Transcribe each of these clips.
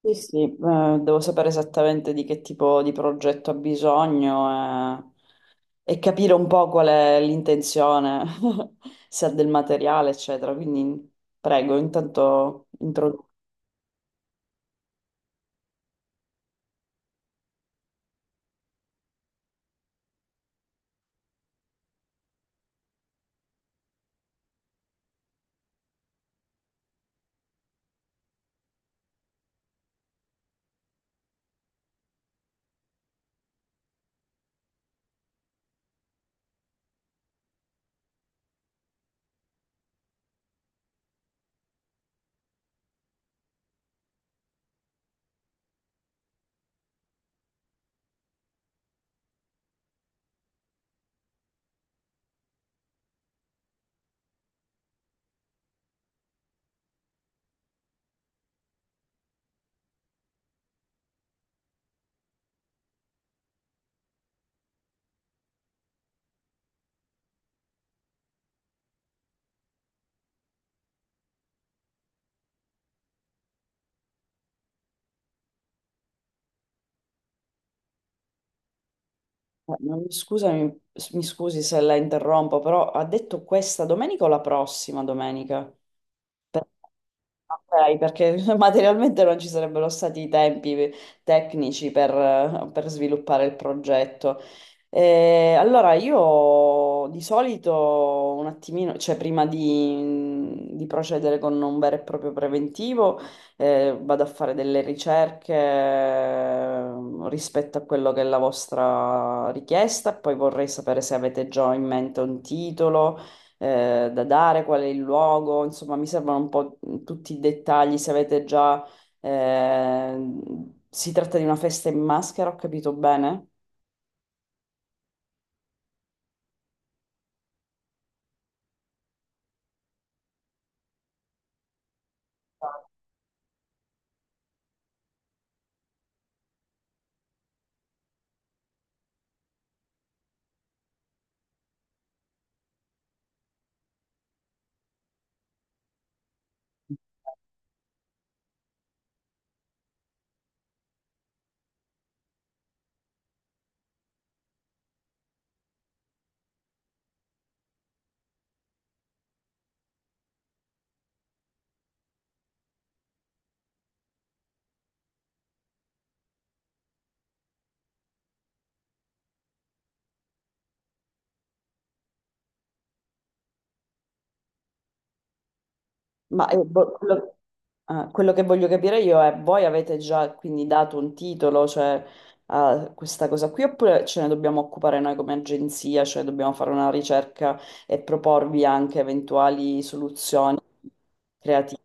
Sì, sì, devo sapere esattamente di che tipo di progetto ha bisogno e capire un po' qual è l'intenzione, se ha del materiale, eccetera. Quindi prego, intanto introduco. Scusami, mi scusi se la interrompo, però ha detto questa domenica o la prossima domenica? Ok, perché materialmente non ci sarebbero stati i tempi tecnici per sviluppare il progetto. Allora, io di solito un attimino, cioè prima di procedere con un vero e proprio preventivo, vado a fare delle ricerche rispetto a quello che è la vostra richiesta, poi vorrei sapere se avete già in mente un titolo da dare, qual è il luogo, insomma, mi servono un po' tutti i dettagli. Se avete già, eh, si tratta di una festa in maschera, ho capito bene? Ma boh, quello, quello che voglio capire io è, voi avete già quindi dato un titolo, cioè, a questa cosa qui, oppure ce ne dobbiamo occupare noi come agenzia, cioè dobbiamo fare una ricerca e proporvi anche eventuali soluzioni creative?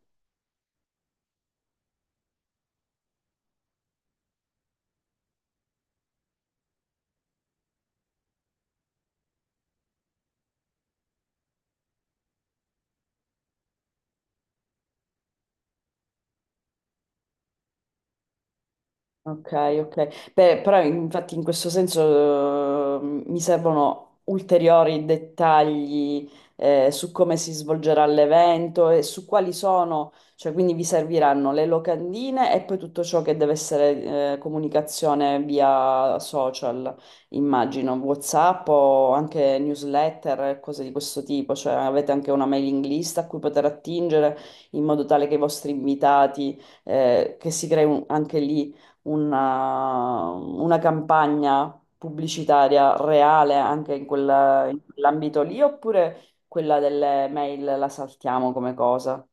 Ok, ok. Beh, però infatti in questo senso mi servono ulteriori dettagli su come si svolgerà l'evento e su quali sono, cioè quindi vi serviranno le locandine e poi tutto ciò che deve essere comunicazione via social, immagino, WhatsApp o anche newsletter, e cose di questo tipo, cioè avete anche una mailing list a cui poter attingere in modo tale che i vostri invitati che si crei anche lì una campagna pubblicitaria reale anche in in quell'ambito lì, oppure quella delle mail la saltiamo come cosa?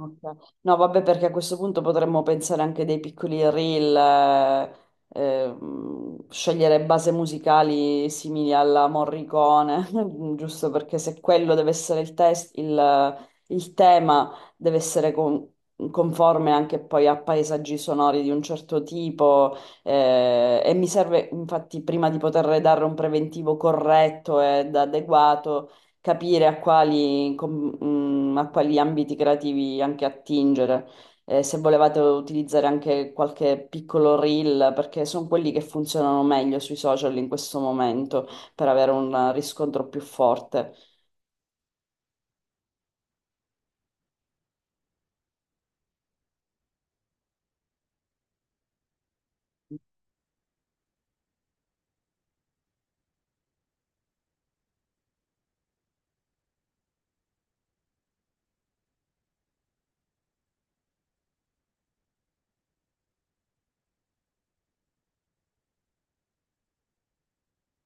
Ok. No, vabbè, perché a questo punto potremmo pensare anche dei piccoli reel, scegliere base musicali simili alla Morricone, giusto perché se quello deve essere il test, il tema deve essere conforme anche poi a paesaggi sonori di un certo tipo, e mi serve infatti prima di poter dare un preventivo corretto ed adeguato capire a quali, a quali ambiti creativi anche attingere. Se volevate utilizzare anche qualche piccolo reel, perché sono quelli che funzionano meglio sui social in questo momento per avere un riscontro più forte.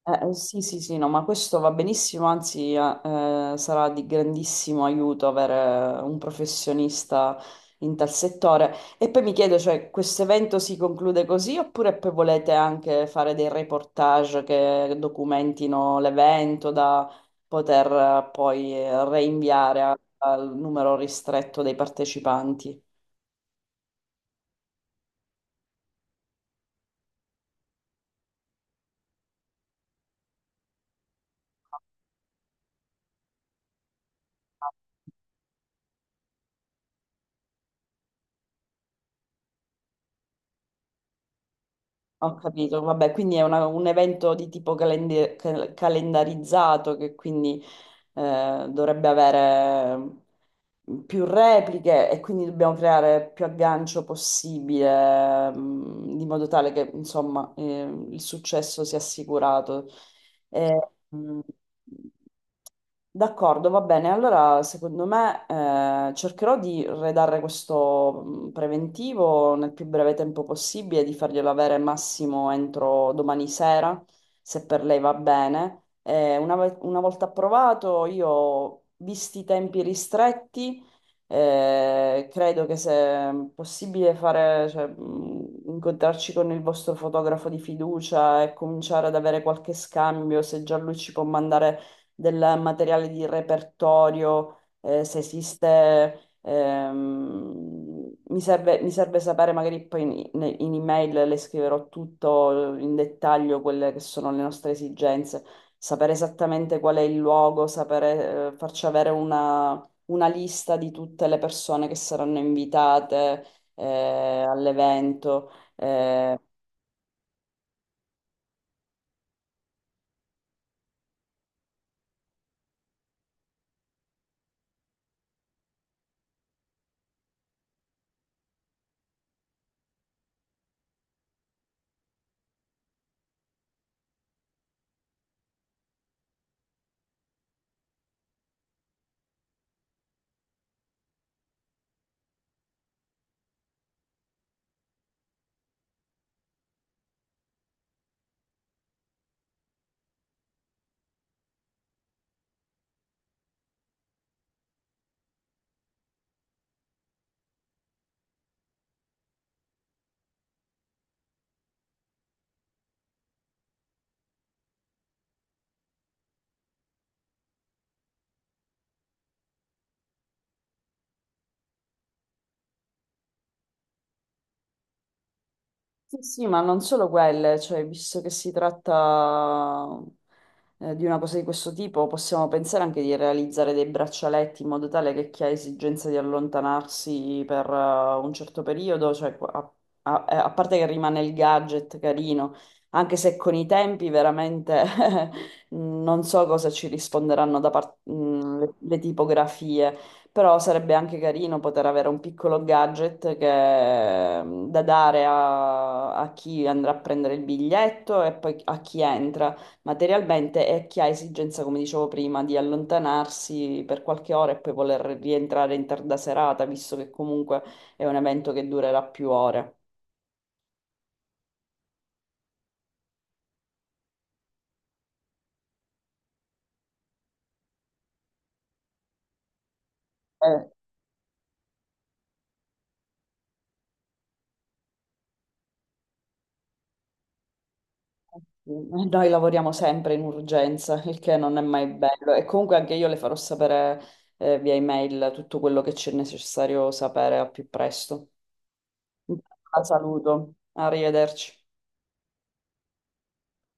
Sì, sì, sì, no, ma questo va benissimo, anzi, sarà di grandissimo aiuto avere un professionista in tal settore. E poi mi chiedo, cioè, questo evento si conclude così oppure poi volete anche fare dei reportage che documentino l'evento da poter poi reinviare al numero ristretto dei partecipanti? Ho capito, vabbè, quindi è un evento di tipo calendarizzato che quindi dovrebbe avere più repliche e quindi dobbiamo creare più aggancio possibile, di modo tale che insomma il successo sia assicurato. Eh, mh, D'accordo, va bene. Allora, secondo me, cercherò di redare questo preventivo nel più breve tempo possibile, di farglielo avere massimo entro domani sera, se per lei va bene. Una, una volta approvato, io, visti i tempi ristretti, credo che se possibile fare, cioè, incontrarci con il vostro fotografo di fiducia e cominciare ad avere qualche scambio, se già lui ci può mandare del materiale di repertorio, se esiste, mi serve sapere, magari poi in, in email le scriverò tutto in dettaglio quelle che sono le nostre esigenze, sapere esattamente qual è il luogo, sapere, farci avere una lista di tutte le persone che saranno invitate, all'evento. Sì, sì, ma non solo quelle, cioè, visto che si tratta di una cosa di questo tipo, possiamo pensare anche di realizzare dei braccialetti in modo tale che chi ha esigenza di allontanarsi per un certo periodo, cioè, a parte che rimane il gadget carino, anche se con i tempi veramente non so cosa ci risponderanno da parte le tipografie. Però sarebbe anche carino poter avere un piccolo gadget da dare a, a chi andrà a prendere il biglietto e poi a chi entra materialmente e a chi ha esigenza, come dicevo prima, di allontanarsi per qualche ora e poi voler rientrare in tarda serata, visto che comunque è un evento che durerà più ore. Eh, sì, Noi lavoriamo sempre in urgenza, il che non è mai bello. E comunque anche io le farò sapere via email tutto quello che c'è necessario sapere al più presto. La saluto. Arrivederci.